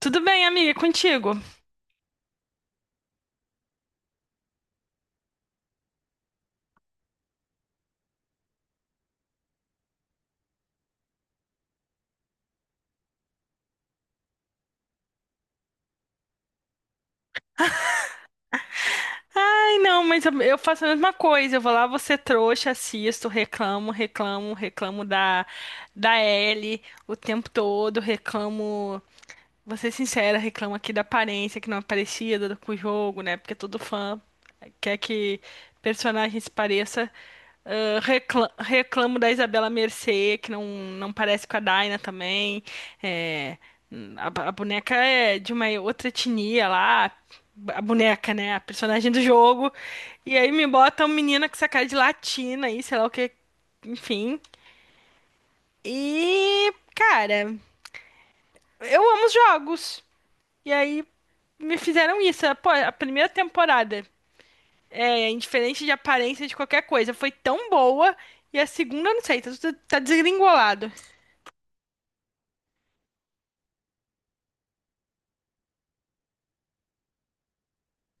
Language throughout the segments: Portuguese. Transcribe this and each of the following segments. Tudo bem, amiga, é contigo. Ai, não, mas eu faço a mesma coisa. Eu vou lá, você trouxa, assisto, reclamo, reclamo, reclamo da Ellie o tempo todo, reclamo. Vou ser sincera, reclama aqui da aparência que não é parecida com o jogo, né? Porque todo fã quer que personagem se pareça. Ah, reclamo da Isabela Mercê, que não parece com a Daina também. É, a, a boneca é de uma outra etnia lá. A boneca, né? A personagem do jogo. E aí me bota uma menina com essa cara de latina aí, sei lá o que. Enfim. E, cara, eu amo os jogos. E aí me fizeram isso. Pô, a primeira temporada, é, indiferente de aparência de qualquer coisa, foi tão boa. E a segunda, eu não sei, tá, tá desgringolado.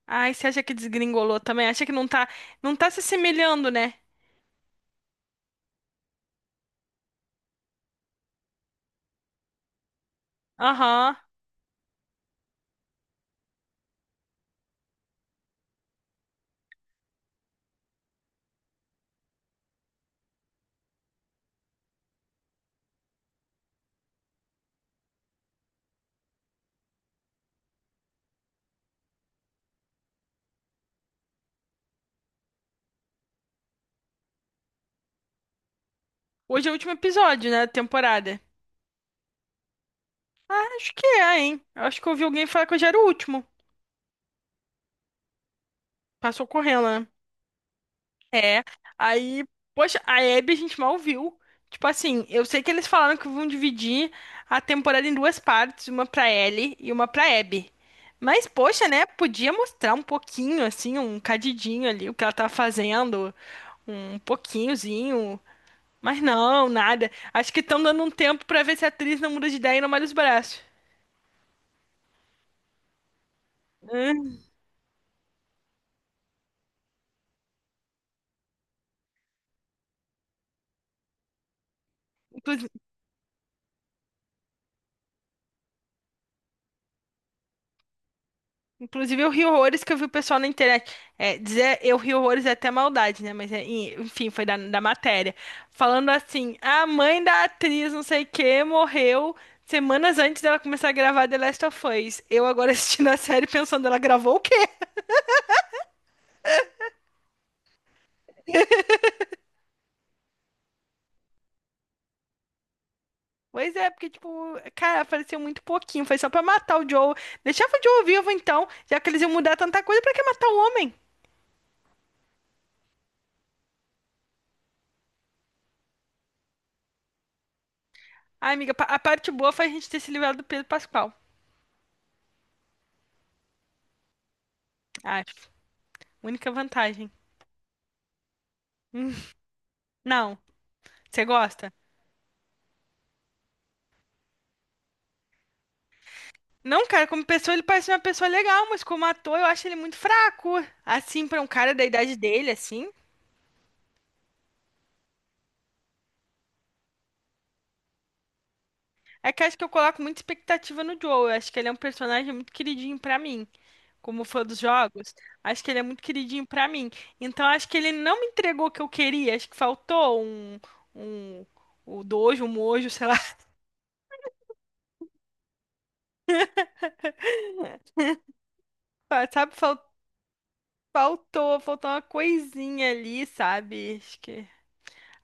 Ai, você acha que desgringolou também? Acha que não tá, não tá se assemelhando, né? Aham. Hoje é o último episódio, né, da temporada. Acho que é, hein? Eu Acho que eu ouvi alguém falar que hoje era o último. Passou correndo, né? É, aí, poxa, a Abby a gente mal viu. Tipo assim, eu sei que eles falaram que vão dividir a temporada em duas partes, uma pra Ellie e uma pra Abby. Mas, poxa, né? Podia mostrar um pouquinho, assim, um cadidinho ali, o que ela tá fazendo, um pouquinhozinho. Mas não, nada. Acho que estão dando um tempo pra ver se a atriz não muda de ideia e não malha os braços. Hum. Inclusive, eu ri horrores que eu vi o pessoal na internet. É, dizer eu ri horrores é até maldade, né? Mas, é, enfim, foi da matéria. Falando assim: a mãe da atriz, não sei o quê, morreu semanas antes dela começar a gravar The Last of Us. Eu agora assistindo a série pensando, ela gravou o quê? Pois é, porque, tipo, cara, apareceu muito pouquinho. Foi só pra matar o Joe. Deixava o Joe vivo, então, já que eles iam mudar tanta coisa, pra que matar o homem? Ai, amiga, a parte boa foi a gente ter se livrado do Pedro Pascal. Acho. Única vantagem. Hum, Não. Você gosta? Não, cara, como pessoa ele parece uma pessoa legal, mas como ator eu acho ele muito fraco. Assim, pra um cara da idade dele, assim. É que acho que eu coloco muita expectativa no Joel. Eu acho que ele é um personagem muito queridinho pra mim, como fã dos jogos. Acho que ele é muito queridinho pra mim. Então acho que ele não me entregou o que eu queria. Acho que faltou um, o dojo, um mojo, sei lá. Sabe, faltou, faltou uma coisinha ali, sabe?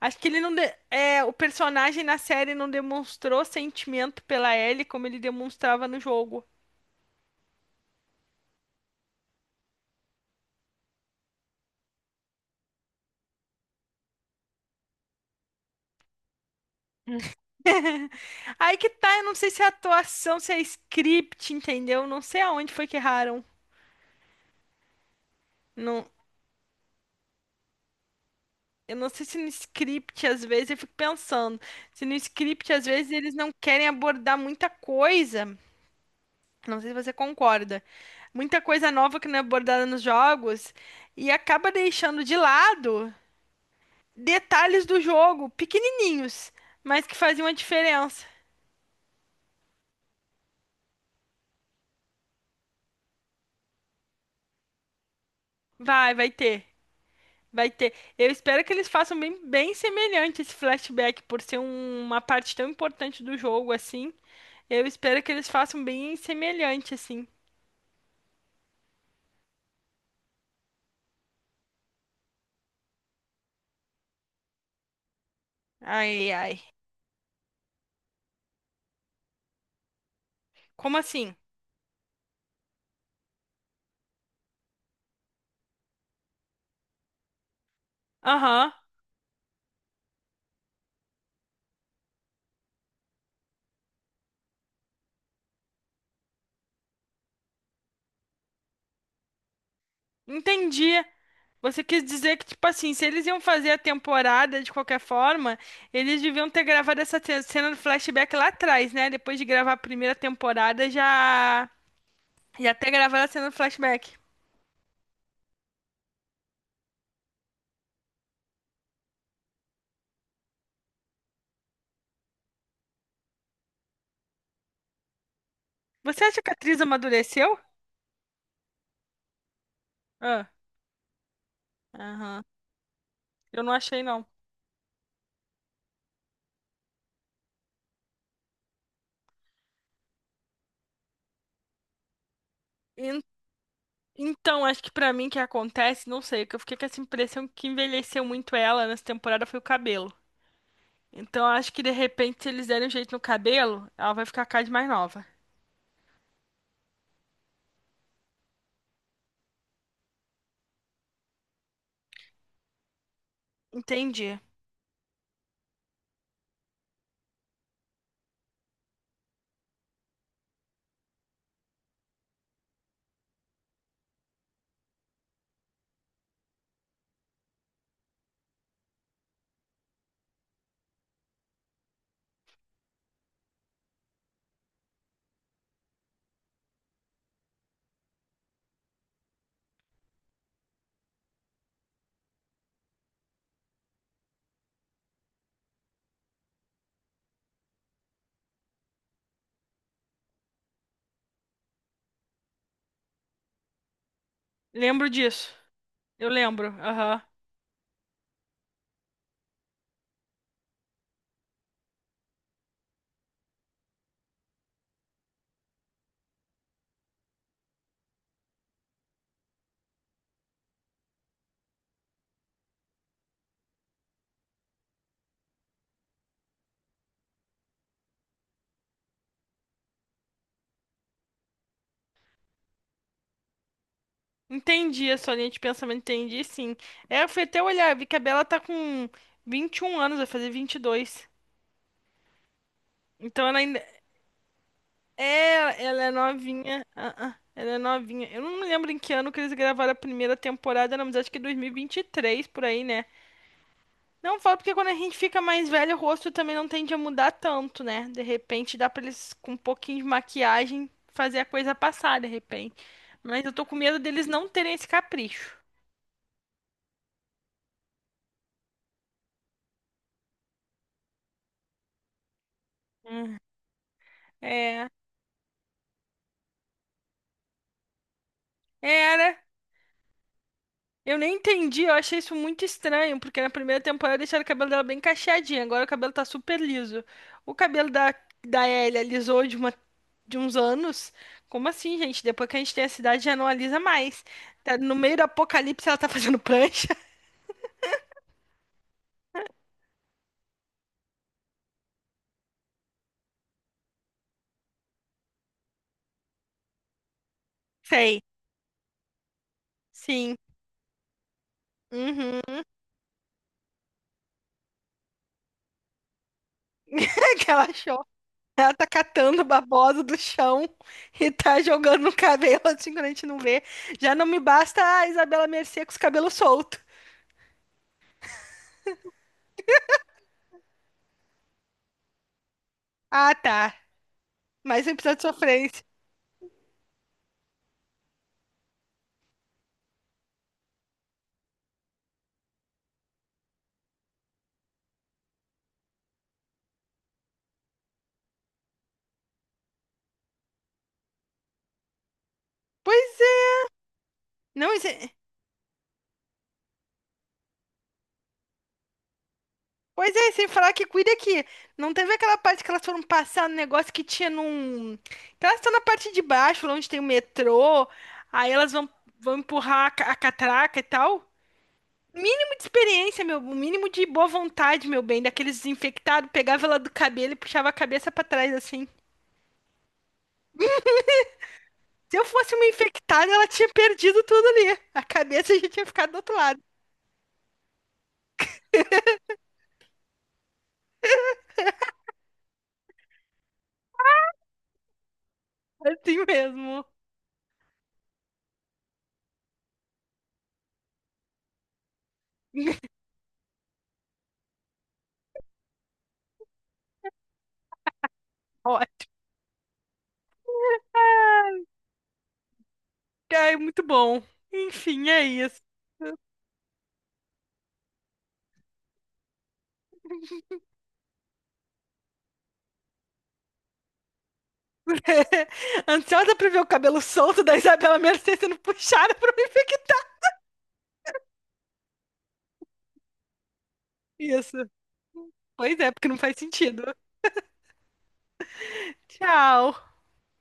Acho que ele não. É, o personagem na série não demonstrou sentimento pela Ellie como ele demonstrava no jogo. Aí que tá, eu não sei se é atuação, se é script, entendeu? Não sei aonde foi que erraram. Não, eu não sei se no script, às vezes, eu fico pensando. Se no script, às vezes, eles não querem abordar muita coisa. Não sei se você concorda. Muita coisa nova que não é abordada nos jogos. E acaba deixando de lado, detalhes do jogo, pequenininhos, mas que faziam a diferença. Vai, vai ter, vai ter. Eu espero que eles façam bem, bem semelhante esse flashback, por ser uma parte tão importante do jogo assim. Eu espero que eles façam bem semelhante assim. Ai, ai. Como assim? Aham, entendi. Você quis dizer que, tipo assim, se eles iam fazer a temporada de qualquer forma, eles deviam ter gravado essa cena do flashback lá atrás, né? Depois de gravar a primeira temporada, já. E até gravaram a cena do flashback. Você acha que a atriz amadureceu? Ah, aham. Eu não achei, não. En- Então, acho que pra mim que acontece, não sei, que eu fiquei com essa impressão que envelheceu muito ela nessa temporada foi o cabelo. Então, acho que de repente, se eles derem um jeito no cabelo, ela vai ficar cada vez mais nova. Entendi. Lembro disso. Eu lembro. Aham. Entendi a sua linha de pensamento, entendi sim. É, eu fui até olhar, vi que a Bela tá com 21 anos, vai fazer 22. Então ela ainda. É, ela é novinha. Ah, ah, ela é novinha. Eu não lembro em que ano que eles gravaram a primeira temporada, não, mas acho que 2023 por aí, né? Não falo porque quando a gente fica mais velho, o rosto também não tende a mudar tanto, né? De repente dá pra eles com um pouquinho de maquiagem fazer a coisa passar, de repente. Mas eu tô com medo deles não terem esse capricho. É, era. Eu nem entendi, eu achei isso muito estranho, porque na primeira temporada deixaram o cabelo dela bem cacheadinho, agora o cabelo tá super liso. O cabelo da Ellie alisou de uns anos. Como assim, gente? Depois que a gente tem a cidade já não alisa mais. Tá no meio do apocalipse ela tá fazendo prancha. Sei. Sim. Uhum. É que ela achou. Ela tá catando babosa do chão e tá jogando no cabelo assim quando a gente não vê. Já não me basta a Isabela Mercê com os cabelos soltos. Ah, tá. Mais um episódio de sofrência. Pois é, não, pois é, sem falar que cuida que não teve aquela parte que elas foram passar no negócio que tinha num. Que elas estão na parte de baixo, lá onde tem o metrô, aí vão empurrar a, a catraca e tal. Mínimo de experiência, meu, o mínimo de boa vontade, meu bem, daqueles desinfectados, pegava ela do cabelo e puxava a cabeça pra trás assim. Se eu fosse uma infectada, ela tinha perdido tudo ali. A cabeça já tinha ficado do outro lado. Assim mesmo. Ó, ai, muito bom. Enfim, é isso. Ansiosa pra ver o cabelo solto da Isabela Mercê sendo puxada pra me infectar. Isso. Pois é, porque não faz sentido. Tchau.